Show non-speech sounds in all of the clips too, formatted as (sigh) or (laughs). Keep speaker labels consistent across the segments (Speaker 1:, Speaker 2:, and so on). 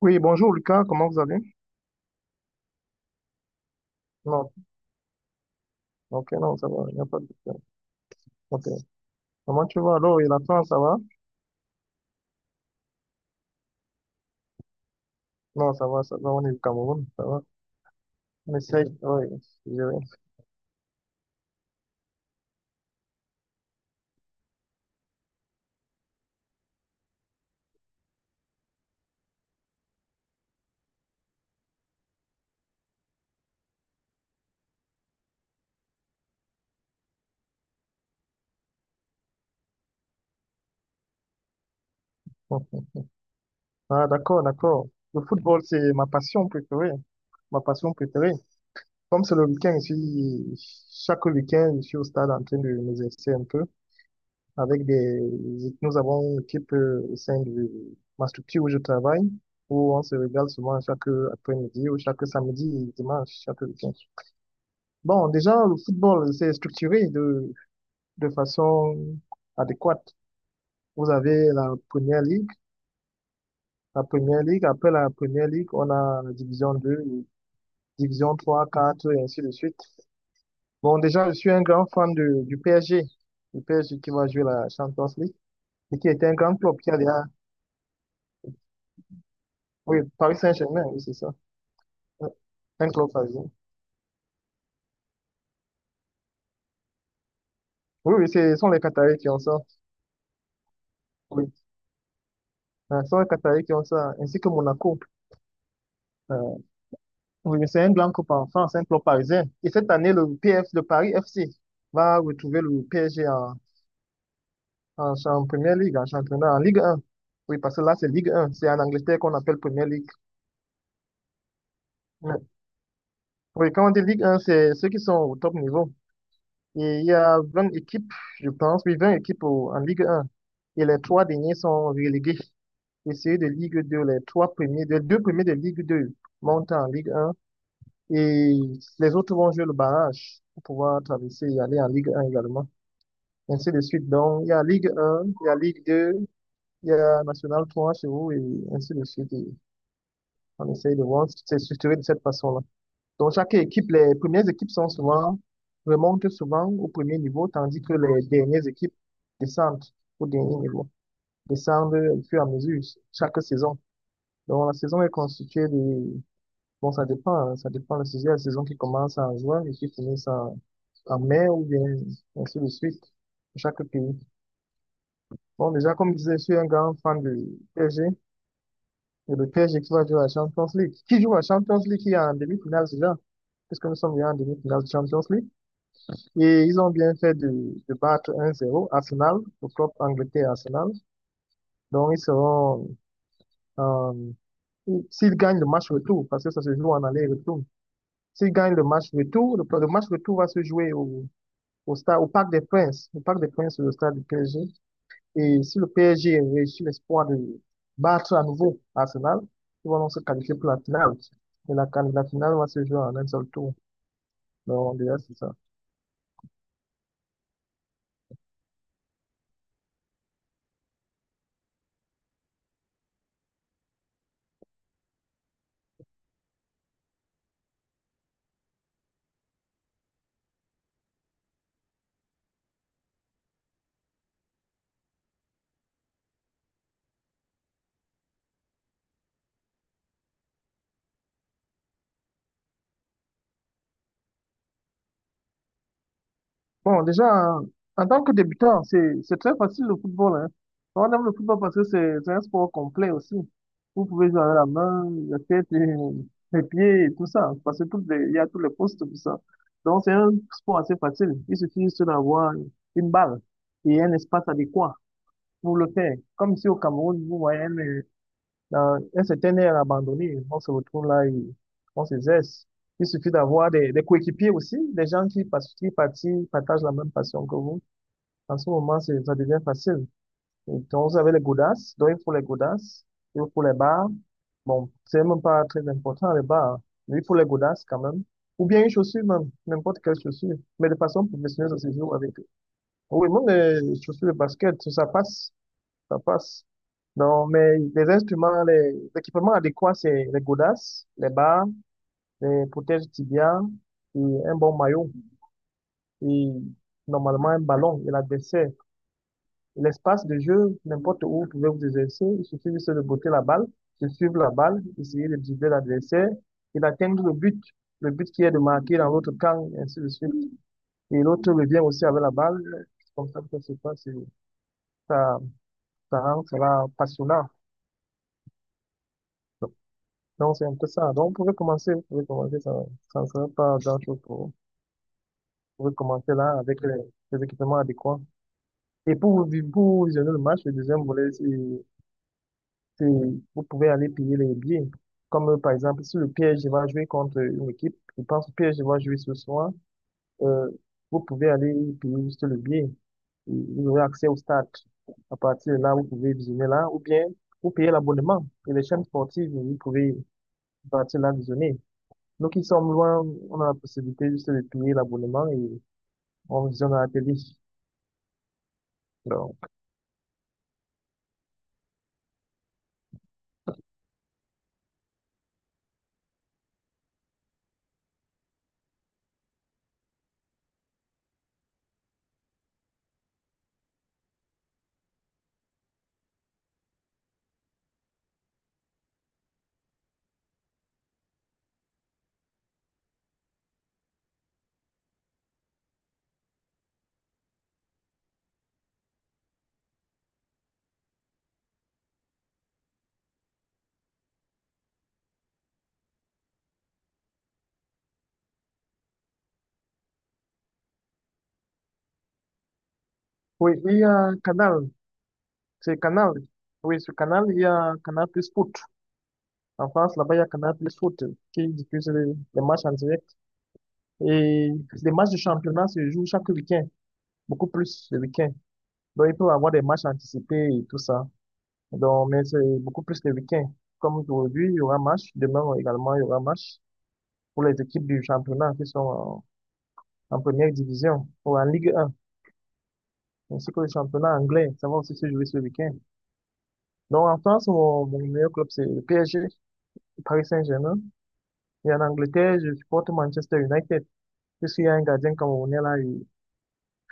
Speaker 1: Oui, bonjour Lucas, comment vous allez? Non, ok, non, ça va, il n'y a pas de problème. Ok. Comment tu vas alors? Et la France, ça va? Non, ça va, on est au Cameroun, ça va. On essaye, oui, je dirais. Bon. Ah, d'accord, d'accord. Le football, c'est ma passion préférée, ma passion préférée. Comme c'est le week-end, je suis, chaque week-end, je suis au stade en train de nous m'exercer un peu. Avec des, nous avons une équipe au sein de ma structure où je travaille, où on se regarde souvent chaque après-midi ou chaque samedi et dimanche, chaque week-end. Bon, déjà, le football, c'est structuré de façon adéquate. Vous avez la première ligue, après la première ligue, on a la division 2, division 3, 4 et ainsi de suite. Bon, déjà, je suis un grand fan de, du PSG, le PSG qui va jouer la Champions League, et qui était un grand club qui a déjà, oui, Paris Saint-Germain, oui, c'est ça. Ouais. Un club parisien. Oui, oui, c'est- ce sont les Qataris qui ont ça. Oui, ce sont les Qataris qui ont ça, ainsi que Monaco. Ah, Oui, mais c'est un blanc club en France, un club parisien. Et cette année, le PF, le Paris FC va retrouver le PSG en, en, en Première Ligue, en championnat, en Ligue 1. Oui, parce que là, c'est Ligue 1. C'est en Angleterre qu'on appelle Première Ligue. Mais- Oui, quand on dit Ligue 1, c'est ceux qui sont au top niveau. Et il y a 20 équipes, je pense, oui, 20 équipes au- en Ligue 1. Et les trois derniers sont relégués. Et ceux de Ligue 2, les trois premiers, les deux premiers de Ligue 2 montent en Ligue 1. Et les autres vont jouer le barrage pour pouvoir traverser et aller en Ligue 1 également. Ainsi de suite. Donc, il y a Ligue 1, il y a Ligue 2, il y a National 3 chez vous et ainsi de suite. Et on essaye de voir, si c'est structuré de cette façon-là. Donc, chaque équipe, les premières équipes sont souvent, remontent souvent au premier niveau, tandis que les dernières équipes descendent au dernier niveau, descendent au fur et à mesure chaque saison. Donc, la saison est constituée de, bon, ça dépend, hein, ça dépend de la saison qui commence en juin et qui finit en en mer ou bien ainsi de suite, dans chaque pays. Bon, déjà, comme je disais, je suis un grand fan du PSG, et le PSG qui va jouer à la Champions League, qui joue à la Champions League, qui est en demi-finale déjà, puisque nous sommes déjà en demi-finale de Champions League. Et ils ont bien fait de battre 1-0 Arsenal, le club anglais Arsenal. Donc, ils seront, euh, s'ils gagnent le match retour, parce que ça se joue en aller-retour, s'ils gagnent le match retour va se jouer au, au stade, au Parc des Princes, au Parc des Princes, le stade du PSG. Et si le PSG réussit l'espoir de battre à nouveau Arsenal, ils vont donc se qualifier pour la finale. Et la finale va se jouer en un seul tour. Donc, déjà, c'est ça. Bon, déjà, en en tant que débutant, c'est très facile le football, hein. On aime le football parce que c'est un sport complet aussi. Vous pouvez jouer avec la main, la tête, et les pieds et tout ça, hein. Parce que toutes les- il y a tous les postes, tout ça. Donc, c'est un sport assez facile. Il suffit juste d'avoir une balle et un espace adéquat pour le faire. Comme ici au Cameroun, vous voyez, dans un certain air abandonné, on se retrouve là et on se zeste. Il suffit d'avoir des coéquipiers aussi, des gens qui, pas- qui parti- partagent la même passion que vous. En ce moment, c'est- ça devient facile. Et donc, vous avez les godasses, donc il faut les godasses, il faut les bars. Bon, c'est même pas très important, les bars, mais il faut les godasses quand même. Ou bien une chaussure même, n'importe quelle chaussure. Mais de façon professionnelle, ça se joue avec. Oui, même les chaussures de basket, ça passe ça passe. Non, mais les instruments, les équipements adéquats, c'est les godasses, les barres, les protèges tibias et un bon maillot. Et normalement, un ballon et l'adversaire. L'espace de jeu, n'importe où vous pouvez vous exercer, il suffit juste de botter la balle, de suivre la balle, essayer de dribbler l'adversaire et d'atteindre le but. Le but qui est de marquer dans l'autre camp, et ainsi de suite. Et l'autre revient aussi avec la balle. C'est comme ça que ça se passe. Et Ça, ça rend cela passionnant. Donc, c'est un peu ça. Donc, vous pouvez commencer, ça ne sera pas d'un truc pour, vous pouvez commencer là avec les équipements adéquats. Et pour, vous vi- pour vous visionner le match, le deuxième volet, c'est- vous pouvez aller payer les billets. Comme, par exemple, si le PSG va jouer contre une équipe, je pense que le PSG va jouer ce soir, euh, vous pouvez aller payer juste le billet. Et vous aurez accès au stade. À partir de là, vous pouvez visionner là, ou bien, vous payez l'abonnement. Et les chaînes sportives, vous pouvez à partir de là visionner. Donc ils sont loin, on a la possibilité juste de payer l'abonnement et on visionne la télé. Donc, oui, il y a Canal. C'est Canal. Oui, sur Canal, il y a Canal Plus Foot. En France, là-bas, il y a Canal Plus Foot qui diffuse les matchs en direct. Et les matchs du championnat se jouent chaque week-end, beaucoup plus le week-end. Donc, il peut y avoir des matchs anticipés et tout ça. Donc, mais c'est beaucoup plus le week-end. Comme aujourd'hui, il y aura match. Demain également, il y aura match pour les équipes du championnat qui sont en en première division ou en Ligue 1, ainsi que le championnat anglais. Ça va aussi se jouer ce week-end. Donc en France, mon meilleur club, c'est le PSG, le Paris Saint-Germain. Et en Angleterre, je supporte Manchester United. Puisqu'il y a un gardien camerounais là, il-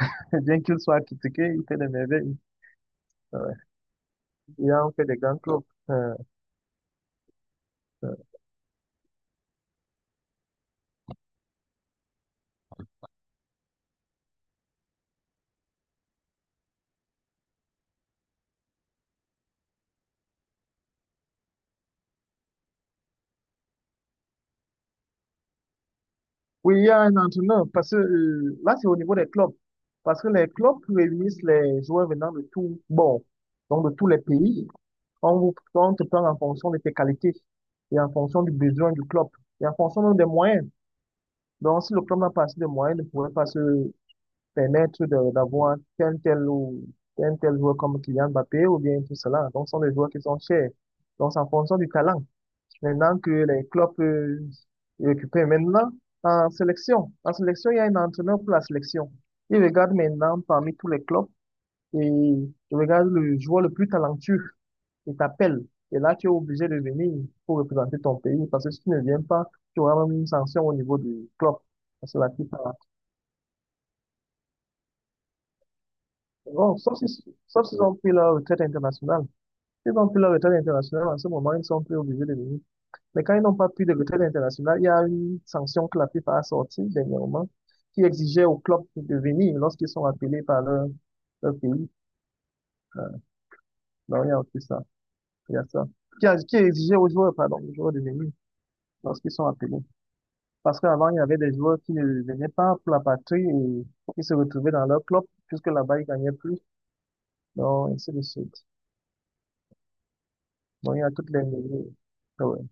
Speaker 1: (laughs) bien qu'il soit critiqué, il fait des merveilles. Ouais. Il a fait des grands clubs. Euh, euh. Oui, il y a un entraîneur, parce que là, c'est au niveau des clubs. Parce que les clubs réunissent les joueurs venant de tout, bon, donc de tous les pays. On vous, on te prend en fonction de tes qualités et en fonction du besoin du club et en fonction même des moyens. Donc, si le club n'a pas assez de moyens, il ne pourrait pas se permettre de- d'avoir un tel ou un tel joueur comme Kylian Mbappé ou bien tout cela. Donc, ce sont des joueurs qui sont chers. Donc, c'est en fonction du talent. Maintenant que les clubs récupèrent maintenant en sélection. En sélection, il y a un entraîneur pour la sélection. Il regarde maintenant parmi tous les clubs et il regarde le joueur le plus talentueux. Il t'appelle. Et là, tu es obligé de venir pour représenter ton pays parce que si tu ne viens pas, tu auras même une sanction au niveau du club. Parce que la FIFA bon, sauf si- sauf s'ils ont pris leur retraite internationale. S'ils ont pris leur retraite internationale, en ce moment, ils sont plus obligés de venir. Mais quand ils n'ont pas pris de retraite internationale, il y a une sanction que la FIFA a sortie dernièrement qui exigeait aux clubs de venir lorsqu'ils sont appelés par leur, leur pays. Euh, non, il y a aussi ça. Il y a ça. Qui, a- qui exigeait aux joueurs, pardon, aux joueurs de venir lorsqu'ils sont appelés. Parce qu'avant, il y avait des joueurs qui ne venaient pas pour la patrie et qui se retrouvaient dans leur club puisque là-bas, ils gagnaient plus. Donc, ainsi de suite. Moya toutes les minutes. Ah ouais.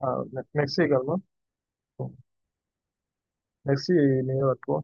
Speaker 1: Ah, (laughs) me- merci également. Bon, merci et meilleur à